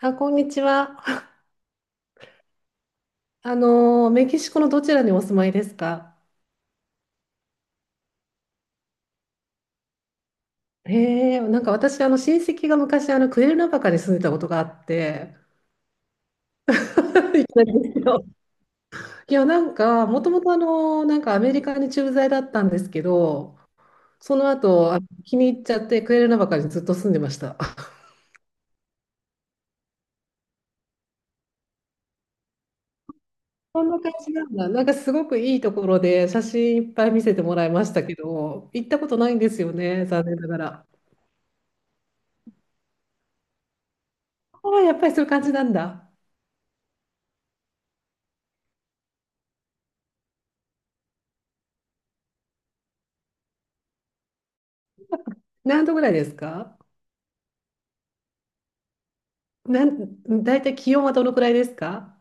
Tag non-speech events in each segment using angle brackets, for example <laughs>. あ、こんにちは。メキシコのどちらにお住まいですか？へえ、なんか私、親戚が昔、クエルナバカに住んでたことがあって、なんですよ。いや、なんか、もともと、なんかアメリカに駐在だったんですけど、その後、気に入っちゃって、クエルナバカにずっと住んでました。<laughs> そんな感じなんだ。なんか、すごくいいところで、写真いっぱい見せてもらいましたけど、行ったことないんですよね、残念ながら。ああ、やっぱりそういう感じなんだ。何度ぐらいですか？大体気温はどのくらいですか？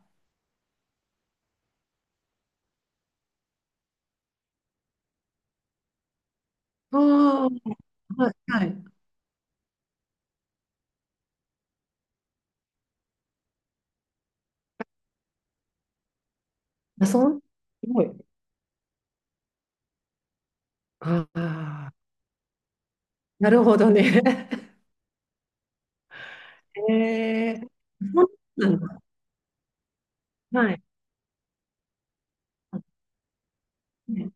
ああー、はい、はい。あ、すごい。ああ、なるほどね。<laughs> へえー、そうなんだ。はい。ね。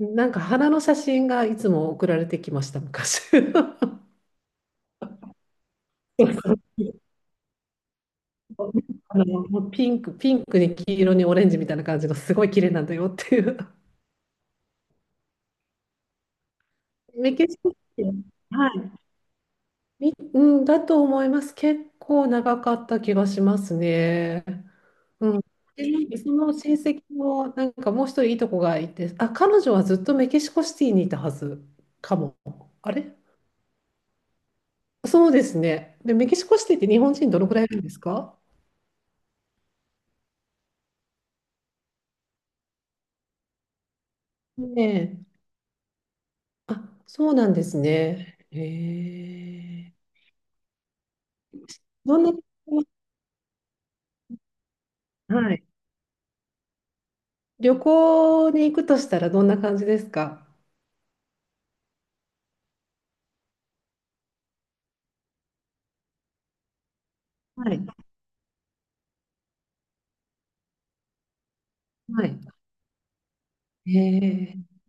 なんか花の写真がいつも送られてきました、昔。<laughs> そうそう。 <laughs> もうピンクに黄色にオレンジみたいな感じのすごい綺麗なんだよっていう。メキシコって、はい、うん、だと思います。結構長かった気がしますね。うん。で、なんかその成績も、なんかもう一人いいとこがいて、あ、彼女はずっとメキシコシティにいたはずかも。あれ、そうですね。で、メキシコシティって日本人どのくらいいるんですか？ねえ。あ、そうなんですね。へえ。どんな、はい。旅行に行くとしたらどんな感じですか？はい。はい。へえ。メ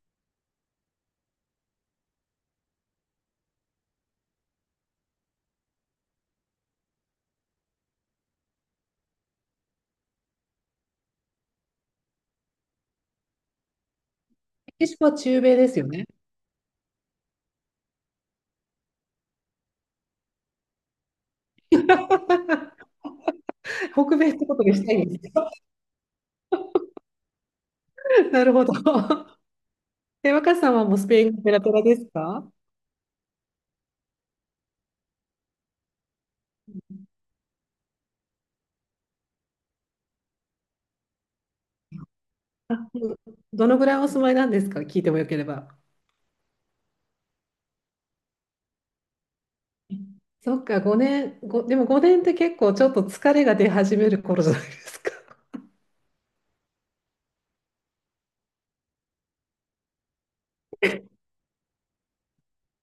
キシコは中米ですよね。<laughs> 北米ってことにしたいんですよ。<laughs> なるほど。え、若さんはもうスペインがペラペラですか？うん。どのぐらいお住まいなんですか、聞いてもよければ。そっか、5年、でも5年って結構ちょっと疲れが出始める頃じゃないですか。<laughs>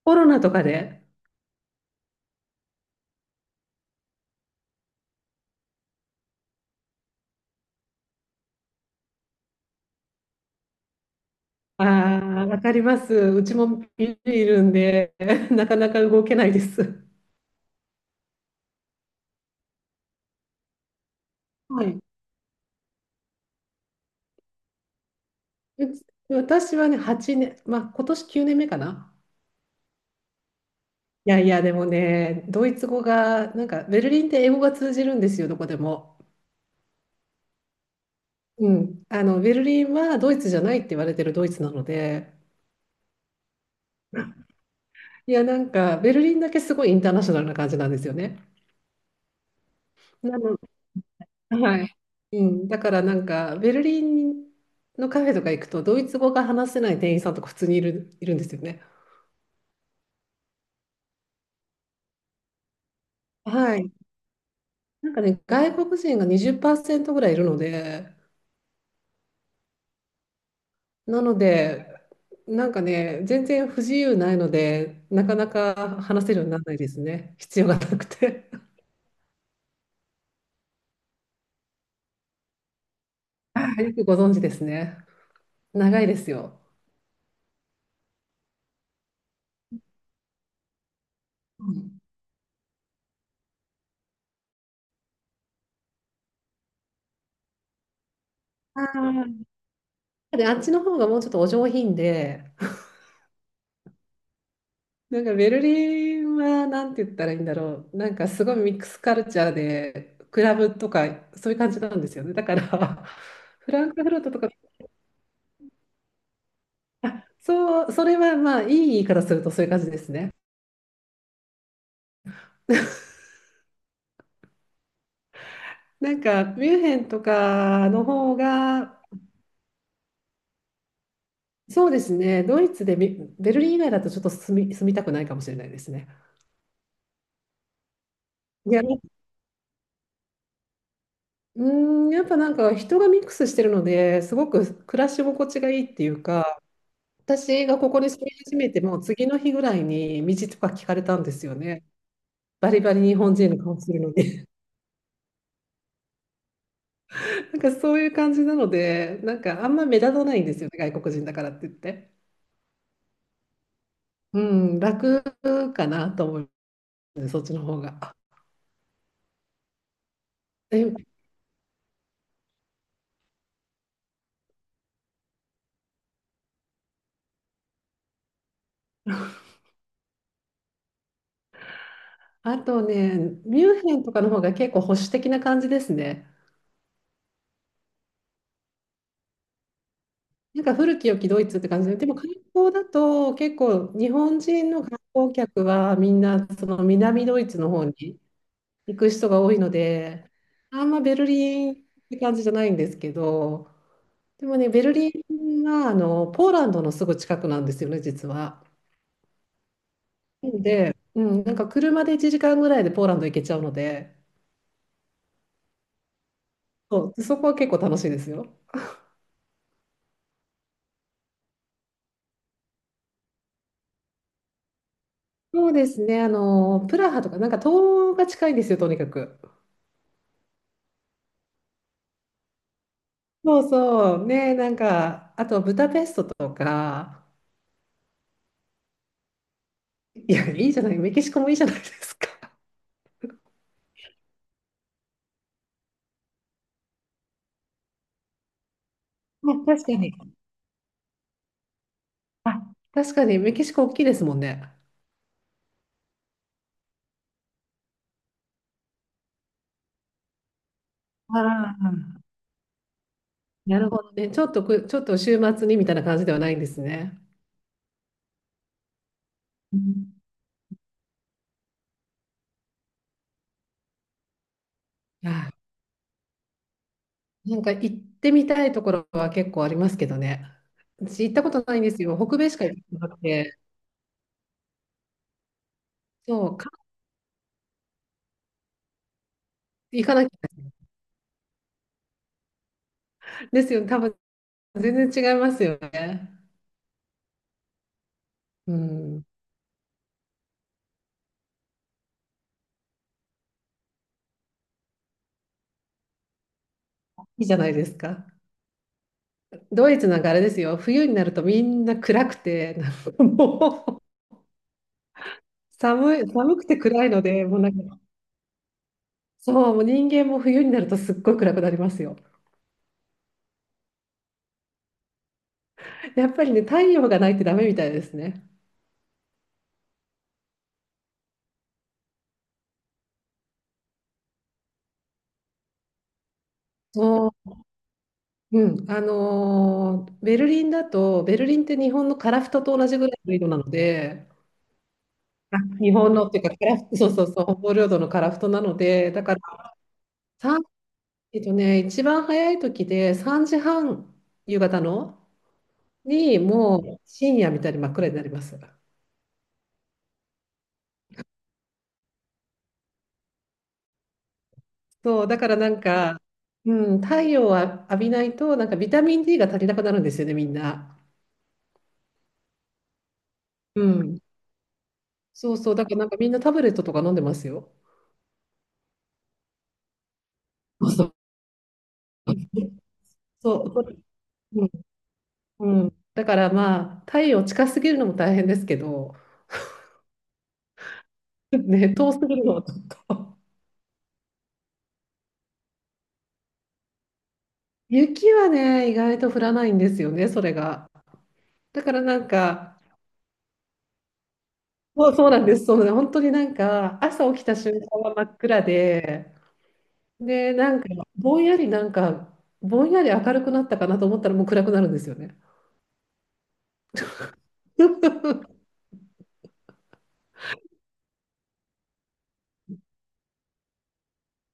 コロナとかで。ああ、わかります。うちもビビいるんで、<laughs> なかなか動けないです。はい。私はね、8年、まあ今年9年目かな。いやいや、でもね、ドイツ語が、なんかベルリンって英語が通じるんですよ、どこでも。うん、ベルリンはドイツじゃないって言われてるドイツなので、いや、なんかベルリンだけすごいインターナショナルな感じなんですよね。なの、はい。うん、だからなんかベルリンのカフェとか行くとドイツ語が話せない店員さんとか普通にいるんですよね。はい。なんかね、外国人が20%ぐらいいるので、なので、なんかね、全然不自由ないので、なかなか話せるようにならないですね。必要がなくて。<laughs> あ、よくご存知ですね。長いですよ。うん。ああ。で、あっちの方がもうちょっとお上品で、なんかベルリンはなんて言ったらいいんだろう。なんかすごいミックスカルチャーで、クラブとかそういう感じなんですよね。だから、<laughs> フランクフルトとか、そう、それはまあいい言い方するとそういう感じですね。<laughs> なんかミュンヘンとかの方が、そうですね、ドイツでベルリン以外だとちょっと住みたくないかもしれないですね。いや、うーん、やっぱなんか人がミックスしてるので、すごく暮らし心地がいいっていうか、私がここに住み始めてもう次の日ぐらいに道とか聞かれたんですよね。バリバリ日本人の顔するので。<laughs> なんかそういう感じなので、なんかあんま目立たないんですよね、外国人だからって言って。うん、楽かなと思う、そっちの方が。で、あとね、ミュンヘンとかの方が結構保守的な感じですね。なんか古き良きドイツって感じで、でも観光だと結構日本人の観光客はみんなその南ドイツの方に行く人が多いので、あんまベルリンって感じじゃないんですけど、でもね、ベルリンはポーランドのすぐ近くなんですよね、実は。なので、うん、なんか車で1時間ぐらいでポーランド行けちゃうので、そう、そこは結構楽しいですよ。そうですね、プラハとか、なんか東が近いんですよ、とにかく。そうそう。ね、なんか、あとブダペストとか、いや、いいじゃない、メキシコもいいじゃないですか。あ、確かに。あ、確かにメキシコ大きいですもんね。ああ、なるほどね。ちょっと週末にみたいな感じではないんですね。うん。あ、なんか行ってみたいところは結構ありますけどね。私行ったことないんですよ。北米しか行ってなくて。そう、行かなきゃ。ですよね。多分全然違いますよね。うん。いいじゃないですか。ドイツなんかあれですよ、冬になるとみんな暗くて、なんかもう寒くて暗いので、もうなんか、そう、もう人間も冬になるとすっごい暗くなりますよ。やっぱりね、太陽がないってダメみたいですね。そう、うん、ベルリンって日本の樺太と同じぐらいの色なので、あ、日本のっていうか、樺太そうそうそう、北方領土の樺太なので、だから、さん一番早い時で3時半、夕方の。に、もう深夜みたいに真っ暗になります。そう、だからなんか、うん、太陽を浴びないと、なんかビタミン D が足りなくなるんですよね、みんな。うん。そうそう、だからなんかみんなタブレットとか飲んでますよ。そうそう。そう、うん、うん、だからまあ、太陽近すぎるのも大変ですけど、<laughs> ね、遠すぎるのはちょっと。雪はね、意外と降らないんですよね、それが。だからなんか、そう、そうなんです、そうなんです、本当になんか、朝起きた瞬間は真っ暗で、で、なんか、ぼんやりなんか、ぼんやり明るくなったかなと思ったらもう暗くなるんですよね。<laughs>